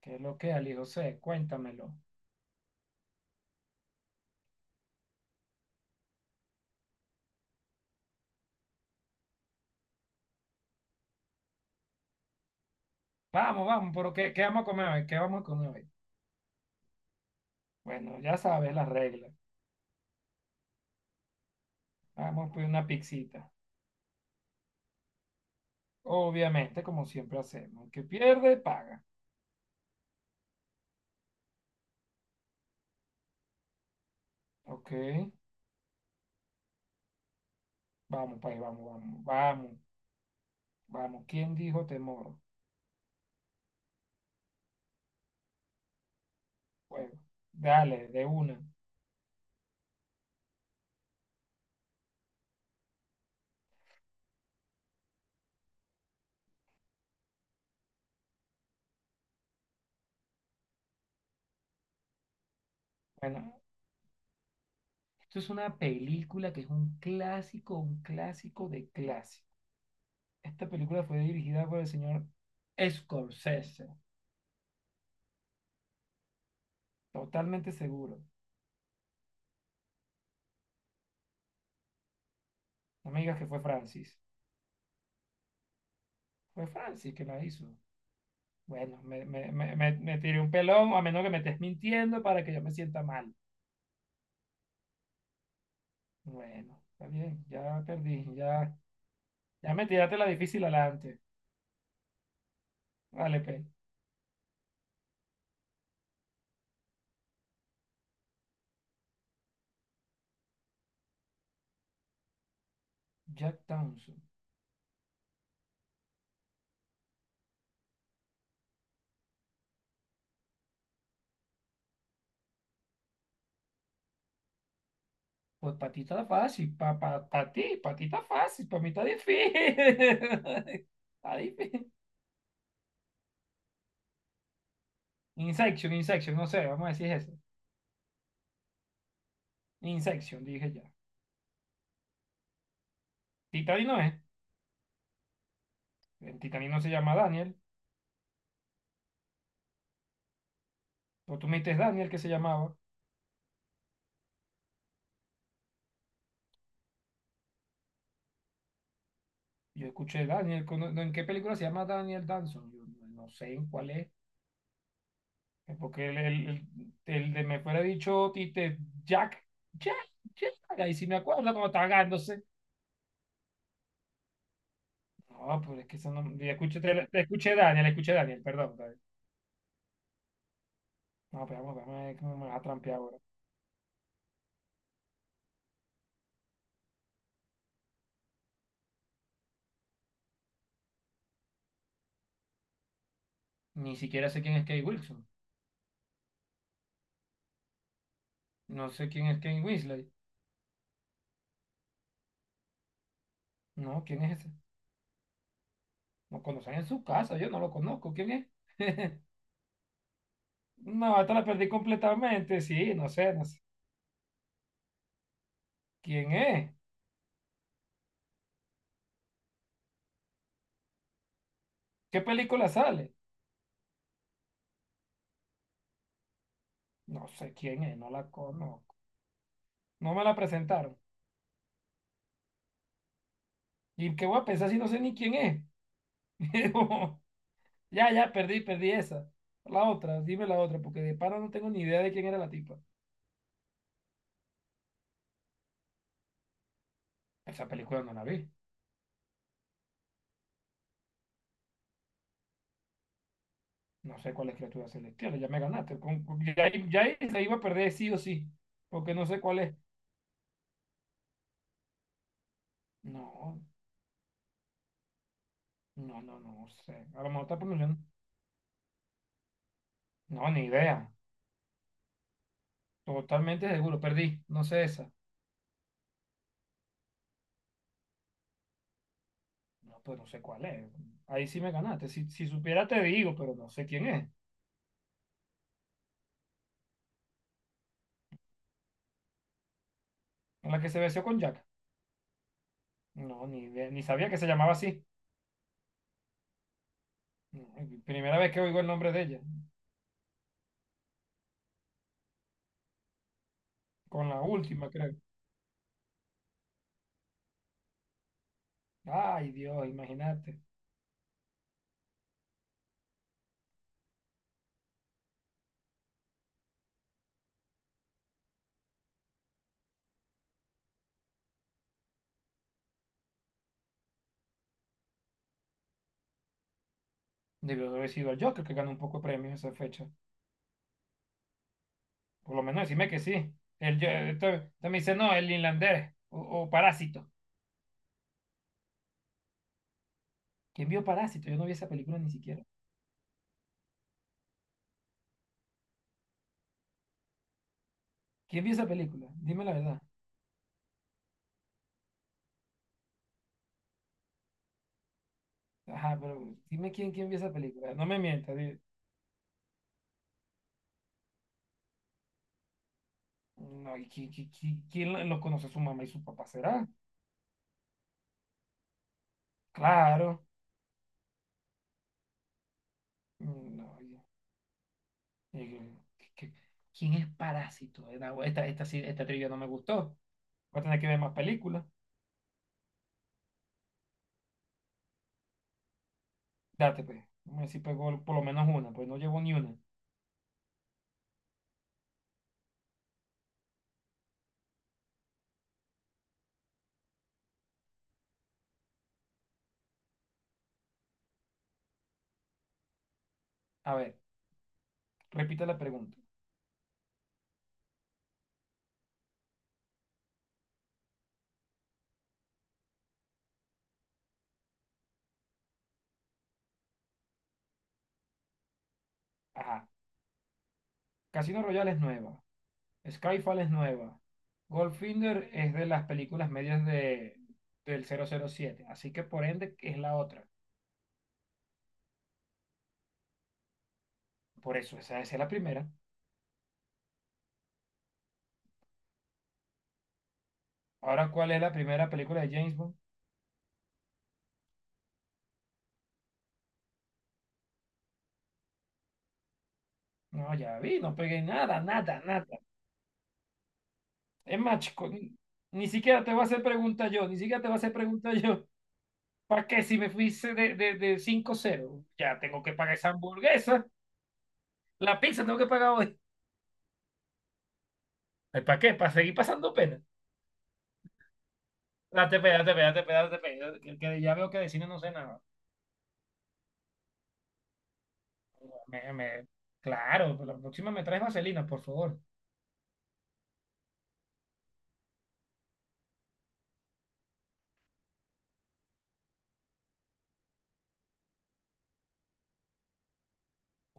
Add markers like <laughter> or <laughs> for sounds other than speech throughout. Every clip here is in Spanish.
¿Qué es lo que, Ali José? Cuéntamelo. Vamos, vamos, pero ¿qué vamos a comer hoy? ¿Qué vamos a comer hoy? Bueno, ya sabes las reglas. Vamos a pedir una pixita. Obviamente, como siempre hacemos. El que pierde, paga. Ok. Vamos, país, vamos, vamos, vamos, vamos. ¿Quién dijo temor? Bueno, dale, de una. Bueno, esto es una película que es un clásico de clásico. Esta película fue dirigida por el señor Scorsese. Totalmente seguro. No me digas que fue Francis. Fue Francis que la hizo. Bueno, me tiré un pelón, a menos que me estés mintiendo para que yo me sienta mal. Bueno, está bien, ya perdí, ya, ya me tiraste la difícil adelante. Vale, pues, Jack Townsend. Pues para ti está fácil, para pa, pa- pa' ti, para ti está fácil, para mí está difícil. <laughs> Está difícil. Insection, Insection, no sé, vamos a decir eso. Insection, dije ya. Titani no es. En Titani no se llama Daniel. O tú me dijiste Daniel que se llamaba. Yo escuché Daniel, cono- no, ¿en qué película se llama Daniel Danson? Yo no sé en cuál es, porque el de me fuera dicho Tite, Jack, Jack, Jack, ahí sí me acuerdo cuando estaba cagándose. No, pues es que eso no, yo escuché, te escuché Daniel, perdón. Daniel. No, pero vamos, vamos, a ver cómo me vas a trampear ahora. Ni siquiera sé quién es Kate Wilson, no sé quién es Kate Winslet, no, ¿quién es ese? No conocen en su casa, yo no lo conozco, ¿quién es? <laughs> No, esta la perdí completamente, sí, no sé, no sé. ¿Quién es? ¿Qué película sale? No sé quién es, no la conozco. No me la presentaron. ¿Y qué voy a pensar si no sé ni quién es? <laughs> Como, ya, ya, perdí, esa. La otra, dime la otra, porque de paro no tengo ni idea de quién era la tipa. Esa película no la vi. No sé cuál es criatura celestial, ya me ganaste. Con- ya ahí se iba a perder sí o sí, porque no sé cuál es. No, no, no, no sé. A lo mejor está pronunciando. No, ni idea. Totalmente seguro, perdí. No sé esa. No, pues no sé cuál es. Ahí sí me ganaste. Si, si supiera te digo, pero no sé quién es. En la que se besó con Jack. No, ni, idea- ni sabía que se llamaba así. No, es primera vez que oigo el nombre de ella. Con la última, creo. Ay, Dios, imagínate. Debió de haber sido el Joker que ganó un poco de premios esa fecha. Por lo menos decime que sí. El, yo- esto me dice, no, el inlandés o Parásito. ¿Quién vio Parásito? Yo no vi esa película ni siquiera. ¿Quién vio esa película? Dime la verdad. Ajá, pero dime quién vio esa película. No me mientas. No, ¿y quién, lo conoce? ¿Su mamá y su papá será? Claro. Mm, no, y- que- ¿quién es Parásito? No, Esta trivia no me gustó. Voy a tener que ver más películas. Date, pues. Vamos a ver si pegó por lo menos una, pues no llevo ni una. A ver, repite la pregunta. Ajá. Casino Royale es nueva. Skyfall es nueva. Goldfinger es de las películas medias de, del 007. Así que por ende es la otra. Por eso, esa es la primera. Ahora, ¿cuál es la primera película de James Bond? No, ya vi, no pegué nada, nada, nada. Es más, chico, ni siquiera te voy a hacer pregunta yo, ni siquiera te voy a hacer pregunta yo. ¿Para qué? Si me fuiste de, de 5-0, ya tengo que pagar esa hamburguesa, la pizza tengo que pagar hoy. ¿Ay, ¿para qué? ¿Para seguir pasando pena? Date pena, date pena, date pena, date pena. Que ya veo que de cine no sé nada. Me- me- Claro, pues la próxima me traes vaselina, por favor.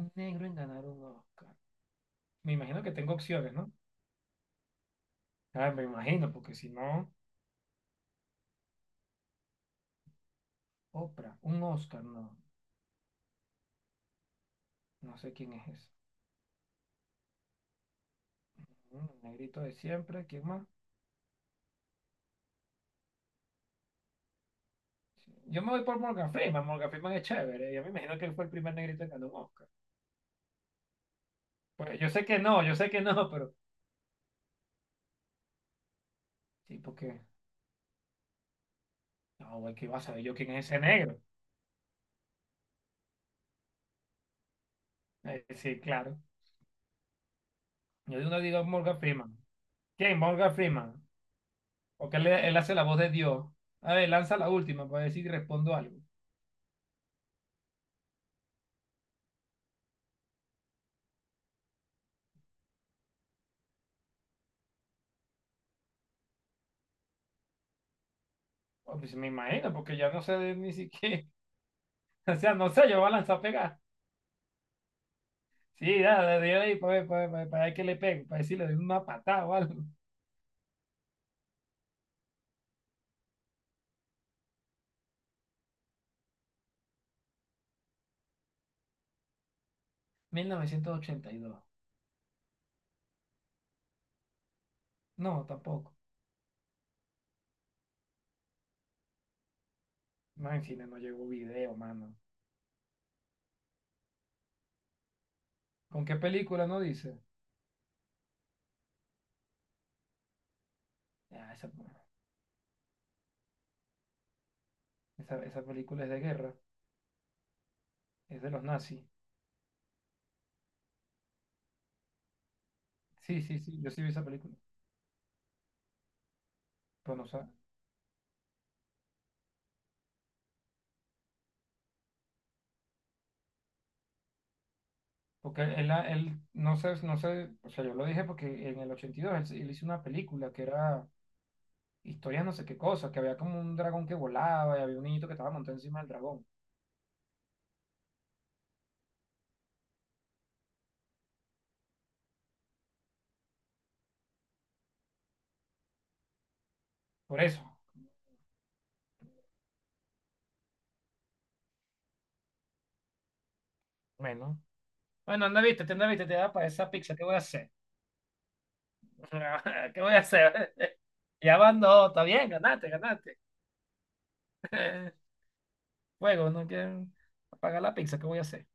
Un negro en ganar un Oscar. Me imagino que tengo opciones, ¿no? Ah, me imagino, porque si no. Oprah, un Oscar, no, no sé quién es ese. Mm, negrito de siempre, ¿quién más? Sí, yo me voy por Morgan Freeman, Morgan Freeman es chévere, yo me imagino que él fue el primer negrito en ganar un Oscar. Pues yo sé que no, yo sé que no, pero sí, porque, no, güey, ¿qué iba a saber yo quién es ese negro? Sí, claro. Yo de uno digo Morgan Freeman. ¿Quién? Morgan Freeman. Porque él hace la voz de Dios. A ver, lanza la última para ver si respondo algo. Oh, pues me imagino, porque ya no sé de- ni siquiera, <laughs> o sea, no sé, yo voy a lanzar pegar. Sí, dale, de ahí para ver, para ver, para ver, para ver qué le pego, para decirle de una patada o algo. 1982. No, tampoco. No, en cine no llegó video, mano. ¿Con qué película no dice? Ah, esa película es de guerra, es de los nazis. Sí, sí, sí, yo sí vi esa película. Pero no sé. Porque él, la- él no sé, no sé, o sea, yo lo dije porque en el 82 él, se- él hizo una película que era historia no sé qué cosa, que había como un dragón que volaba y había un niñito que estaba montado encima del dragón. Por eso. Bueno. Bueno, anda, viste, te da para esa pizza, ¿qué voy a hacer? <laughs> ¿Qué voy a hacer? <laughs> Ya van dos, está bien, ganaste, ganaste. <laughs> Juego, no quieren pagar la pizza, ¿qué voy a hacer?